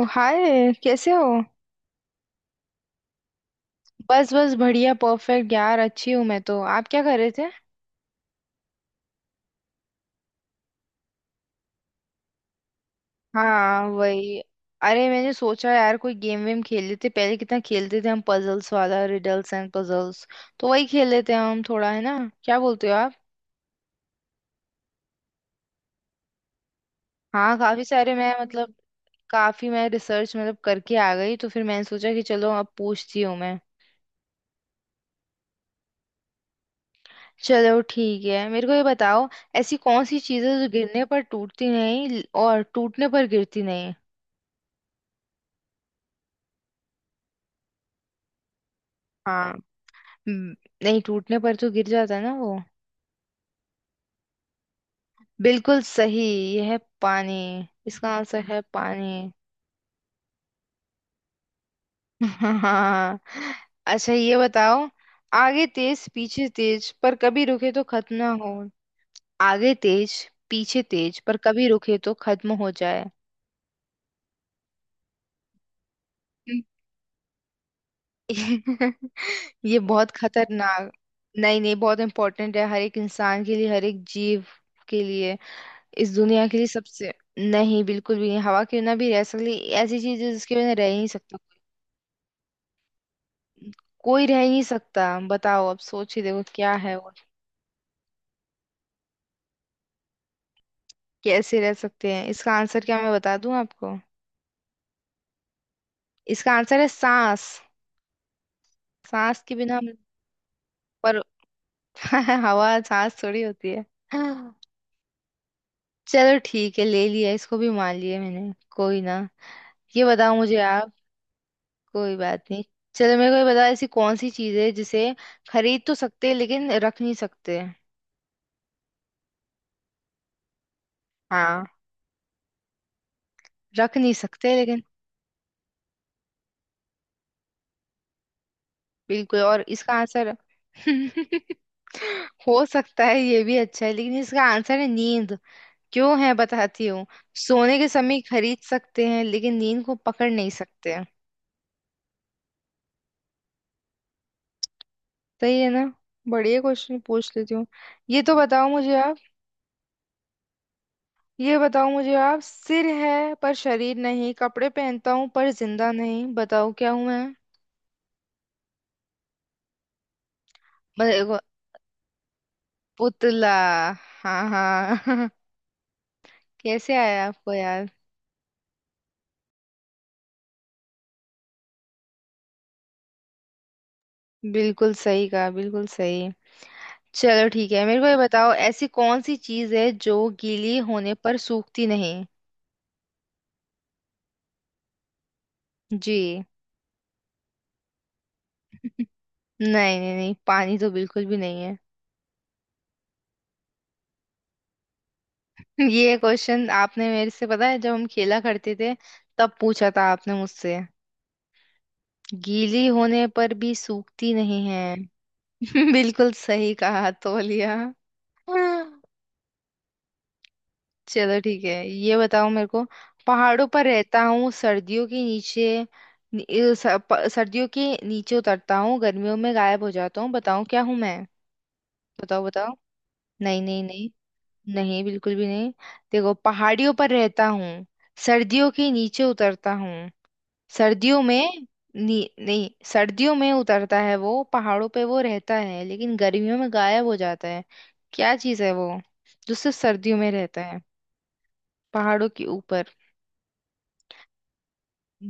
ओ, hi कैसे हो। बस बस बढ़िया परफेक्ट यार, अच्छी हूँ मैं तो। आप क्या कर रहे थे? हाँ वही। अरे मैंने सोचा यार कोई गेम वेम खेल लेते, पहले कितना खेलते थे हम, पजल्स वाला, रिडल्स एंड पजल्स। तो वही खेल लेते हैं हम थोड़ा, है ना? क्या बोलते हो आप? हाँ काफी सारे, मैं मतलब काफी मैं रिसर्च मतलब करके आ गई, तो फिर मैंने सोचा कि चलो अब पूछती हूँ मैं। चलो ठीक है, मेरे को ये बताओ। ऐसी कौन सी चीज़ है जो गिरने पर टूटती नहीं और टूटने पर गिरती नहीं? हाँ। हम्म, नहीं, टूटने पर तो गिर जाता है ना वो। बिल्कुल सही। यह है पानी। इसका आंसर है पानी। हाँ। अच्छा ये बताओ। आगे तेज पीछे तेज पर कभी रुके तो खत्म ना हो। आगे तेज पीछे तेज पर कभी रुके तो खत्म हो जाए। हम्म। ये बहुत खतरनाक। नहीं नहीं, बहुत इंपॉर्टेंट है हर एक इंसान के लिए, हर एक जीव के लिए, इस दुनिया के लिए, सबसे। नहीं, बिल्कुल भी नहीं, हवा के बिना भी रह सकती। ऐसी चीज है जिसके बिना रह ही नहीं सकता। कोई रह ही नहीं सकता। बताओ, अब सोच ही देखो क्या है वो। कैसे रह सकते हैं इसका आंसर, क्या मैं बता दूं आपको? इसका आंसर है सांस। सांस के बिना हम, पर हवा सांस थोड़ी होती है। चलो ठीक है, ले लिया इसको भी, मान लिया मैंने, कोई ना। ये बताओ मुझे आप। कोई बात नहीं। चलो मेरे को ये बताओ। ऐसी कौन सी चीज है जिसे खरीद तो सकते हैं लेकिन रख नहीं सकते? हाँ। रख नहीं सकते, लेकिन बिल्कुल। और इसका आंसर। हो सकता है ये भी अच्छा है, लेकिन इसका आंसर है नींद। क्यों है बताती हूँ। सोने के समय खरीद सकते हैं लेकिन नींद को पकड़ नहीं सकते हैं। सही है ना? बढ़िया क्वेश्चन पूछ लेती हूँ। ये तो बताओ मुझे आप। ये बताओ मुझे आप, सिर है पर शरीर नहीं, कपड़े पहनता हूँ पर जिंदा नहीं, बताओ क्या हूँ मैं? मतलब एगो- पुतला। हाँ हाँ। कैसे आया आपको याद? बिल्कुल सही कहा, बिल्कुल सही। चलो ठीक है, मेरे को ये बताओ। ऐसी कौन सी चीज है जो गीली होने पर सूखती नहीं? जी। नहीं नहीं नहीं, पानी तो बिल्कुल भी नहीं है। ये क्वेश्चन आपने मेरे से, पता है जब हम खेला करते थे तब पूछा था आपने मुझसे। गीली होने पर भी सूखती नहीं है। बिल्कुल सही कहा, तौलिया। चलो ठीक है, ये बताओ मेरे को। पहाड़ों पर रहता हूँ सर्दियों के नीचे। नि- अ, स- प- सर्दियों के नीचे उतरता हूँ, गर्मियों में गायब हो जाता हूँ, बताओ क्या हूँ मैं? बताओ बताओ। नहीं नहीं नहीं। नहीं बिल्कुल भी नहीं। देखो, पहाड़ियों पर रहता हूँ, सर्दियों के नीचे उतरता हूँ, सर्दियों में। नहीं, सर्दियों में उतरता है वो, पहाड़ों पे वो रहता है, लेकिन गर्मियों में गायब हो जाता है। क्या चीज़ है वो जो सिर्फ सर्दियों में रहता है, पहाड़ों के ऊपर?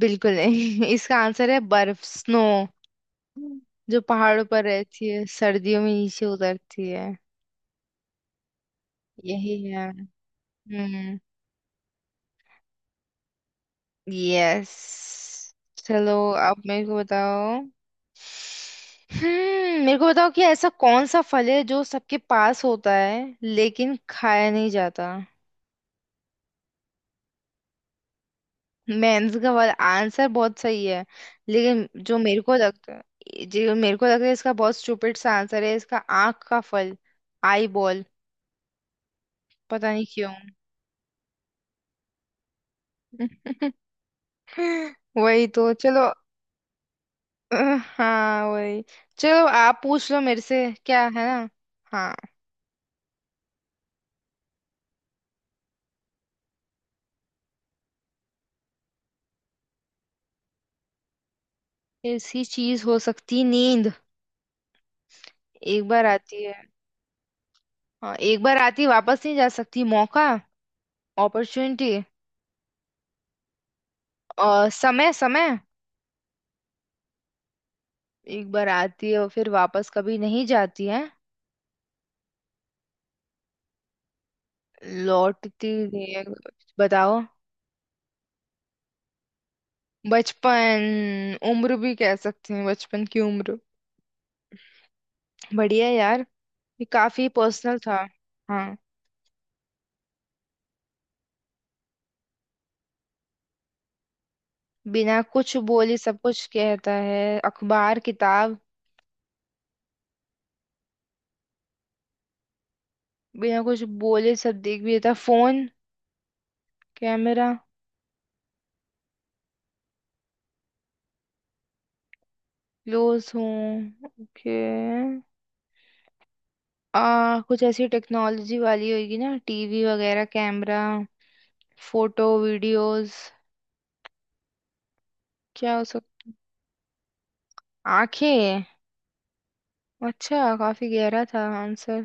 बिल्कुल नहीं। इसका आंसर है बर्फ, स्नो। जो पहाड़ों पर रहती है, सर्दियों में नीचे उतरती है। यही है। हम्म। यस। चलो अब मेरे को बताओ। हम्म, मेरे को बताओ कि ऐसा कौन सा फल है जो सबके पास होता है लेकिन खाया नहीं जाता? मैं का वाला आंसर बहुत सही है, लेकिन जो मेरे को लगता, जो मेरे को लगता है इसका बहुत स्टूपिड सा आंसर है। इसका आंख का फल, आई बॉल। पता नहीं क्यों। वही तो, चलो। अ, हाँ वही। चलो आप पूछ लो मेरे से, क्या है ना? हाँ। ऐसी चीज हो सकती, नींद। एक बार आती है? हाँ, एक बार आती वापस नहीं जा सकती, मौका, अपॉर्चुनिटी। और समय समय, एक बार आती है और फिर वापस कभी नहीं जाती है। लौटती नहीं है। बताओ। बचपन? उम्र भी कह सकते हैं, बचपन की उम्र। बढ़िया यार। ये काफी पर्सनल था। हाँ। बिना कुछ बोले सब कुछ कहता है, अखबार, किताब। बिना कुछ बोले सब देख भी देता, फोन, कैमरा। क्लोज हूँ, ओके। आ कुछ ऐसी टेक्नोलॉजी वाली होगी ना, टीवी वगैरह, कैमरा, फोटो, वीडियोस। क्या हो सकता? आंखें। अच्छा, काफी गहरा था आंसर,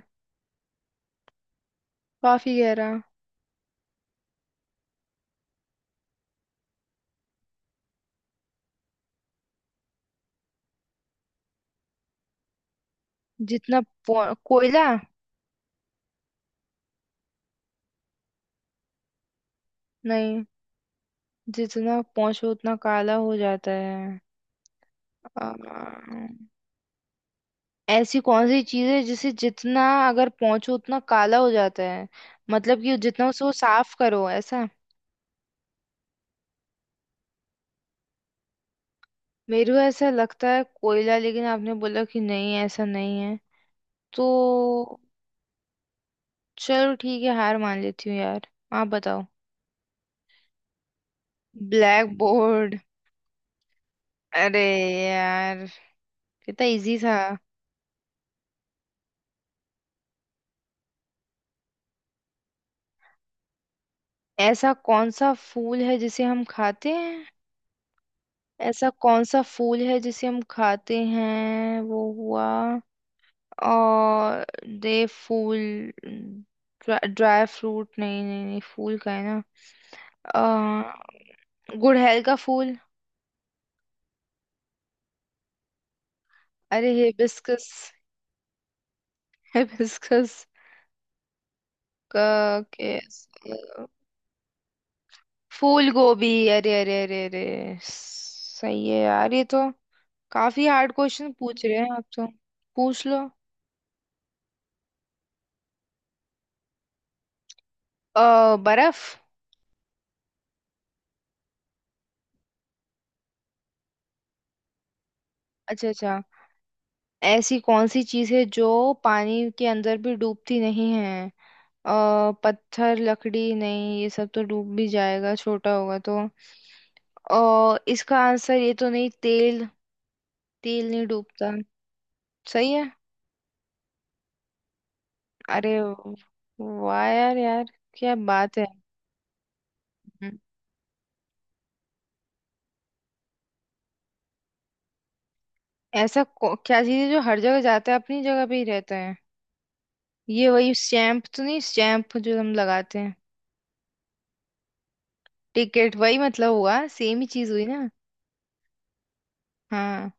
काफी गहरा। जितना कोयला? नहीं, जितना पहुंचो उतना काला हो जाता है। आ, ऐसी कौन सी चीज है जिसे जितना अगर पहुंचो उतना काला हो जाता है? मतलब कि जितना उसे वो साफ करो, ऐसा? मेरे को ऐसा लगता है कोयला, लेकिन आपने बोला कि नहीं, ऐसा नहीं है। तो चलो ठीक है, हार मान लेती हूँ यार। आप बताओ। ब्लैक बोर्ड, अरे यार, कितना इजी था! ऐसा कौन सा फूल है जिसे हम खाते हैं? ऐसा कौन सा फूल है जिसे हम खाते हैं, वो हुआ। और दे फूल, ड्राई फ्रूट नहीं नहीं नहीं, फूल का है ना? अ, गुड़हल का फूल, अरे हिबिस्कस, हिबिस्कस का के फूल गोभी। अरे अरे अरे अरे सही है यार, ये तो। काफी हार्ड क्वेश्चन पूछ रहे हैं आप तो। पूछ लो। बर्फ। अच्छा अच्छा। ऐसी कौन सी चीज है जो पानी के अंदर भी डूबती नहीं है? पत्थर, लकड़ी नहीं, ये सब तो डूब भी जाएगा, छोटा होगा तो। इसका आंसर ये तो नहीं, तेल। तेल नहीं डूबता, सही है। अरे वाह यार यार, क्या बात है! हम्म, क्या चीज है जो हर जगह जाता है, अपनी जगह पे ही रहता है? ये वही स्टैम्प तो नहीं, स्टैम्प जो हम लगाते हैं? टिकट वही मतलब, हुआ सेम ही चीज हुई ना? हाँ।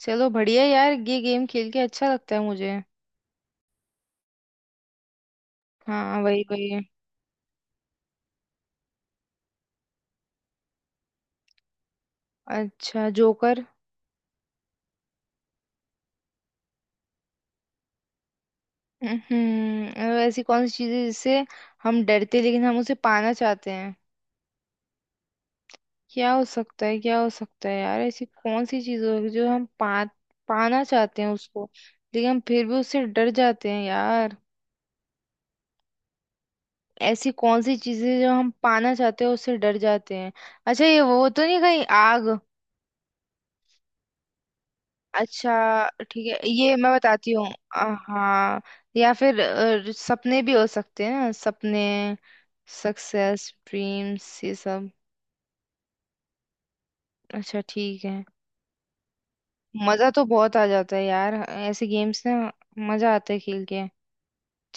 चलो बढ़िया यार, ये गेम खेल के अच्छा लगता है मुझे। हाँ वही वही। अच्छा जोकर। हम्म। ऐसी कौन सी चीज है जिससे हम डरते, लेकिन हम उसे पाना चाहते हैं? क्या हो सकता है? क्या हो सकता है यार, ऐसी कौन सी चीज होगी जो हम पा पाना चाहते हैं उसको, लेकिन हम फिर भी उससे डर जाते हैं यार? ऐसी कौन सी चीजें जो हम पाना चाहते हैं उससे डर जाते हैं? अच्छा ये वो तो नहीं कहीं, आग? अच्छा ठीक है, ये मैं बताती हूँ। अ, हाँ। या फिर सपने भी हो सकते हैं ना, सपने, सक्सेस, ड्रीम्स, ये सब। अच्छा ठीक है। मजा तो बहुत आ जाता है यार, ऐसे गेम्स ना। मजा आता है खेल के।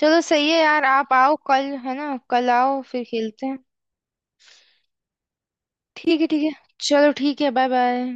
चलो सही है यार, आप आओ कल, है ना? कल आओ फिर खेलते हैं। ठीक है, ठीक है। चलो ठीक है, बाय बाय।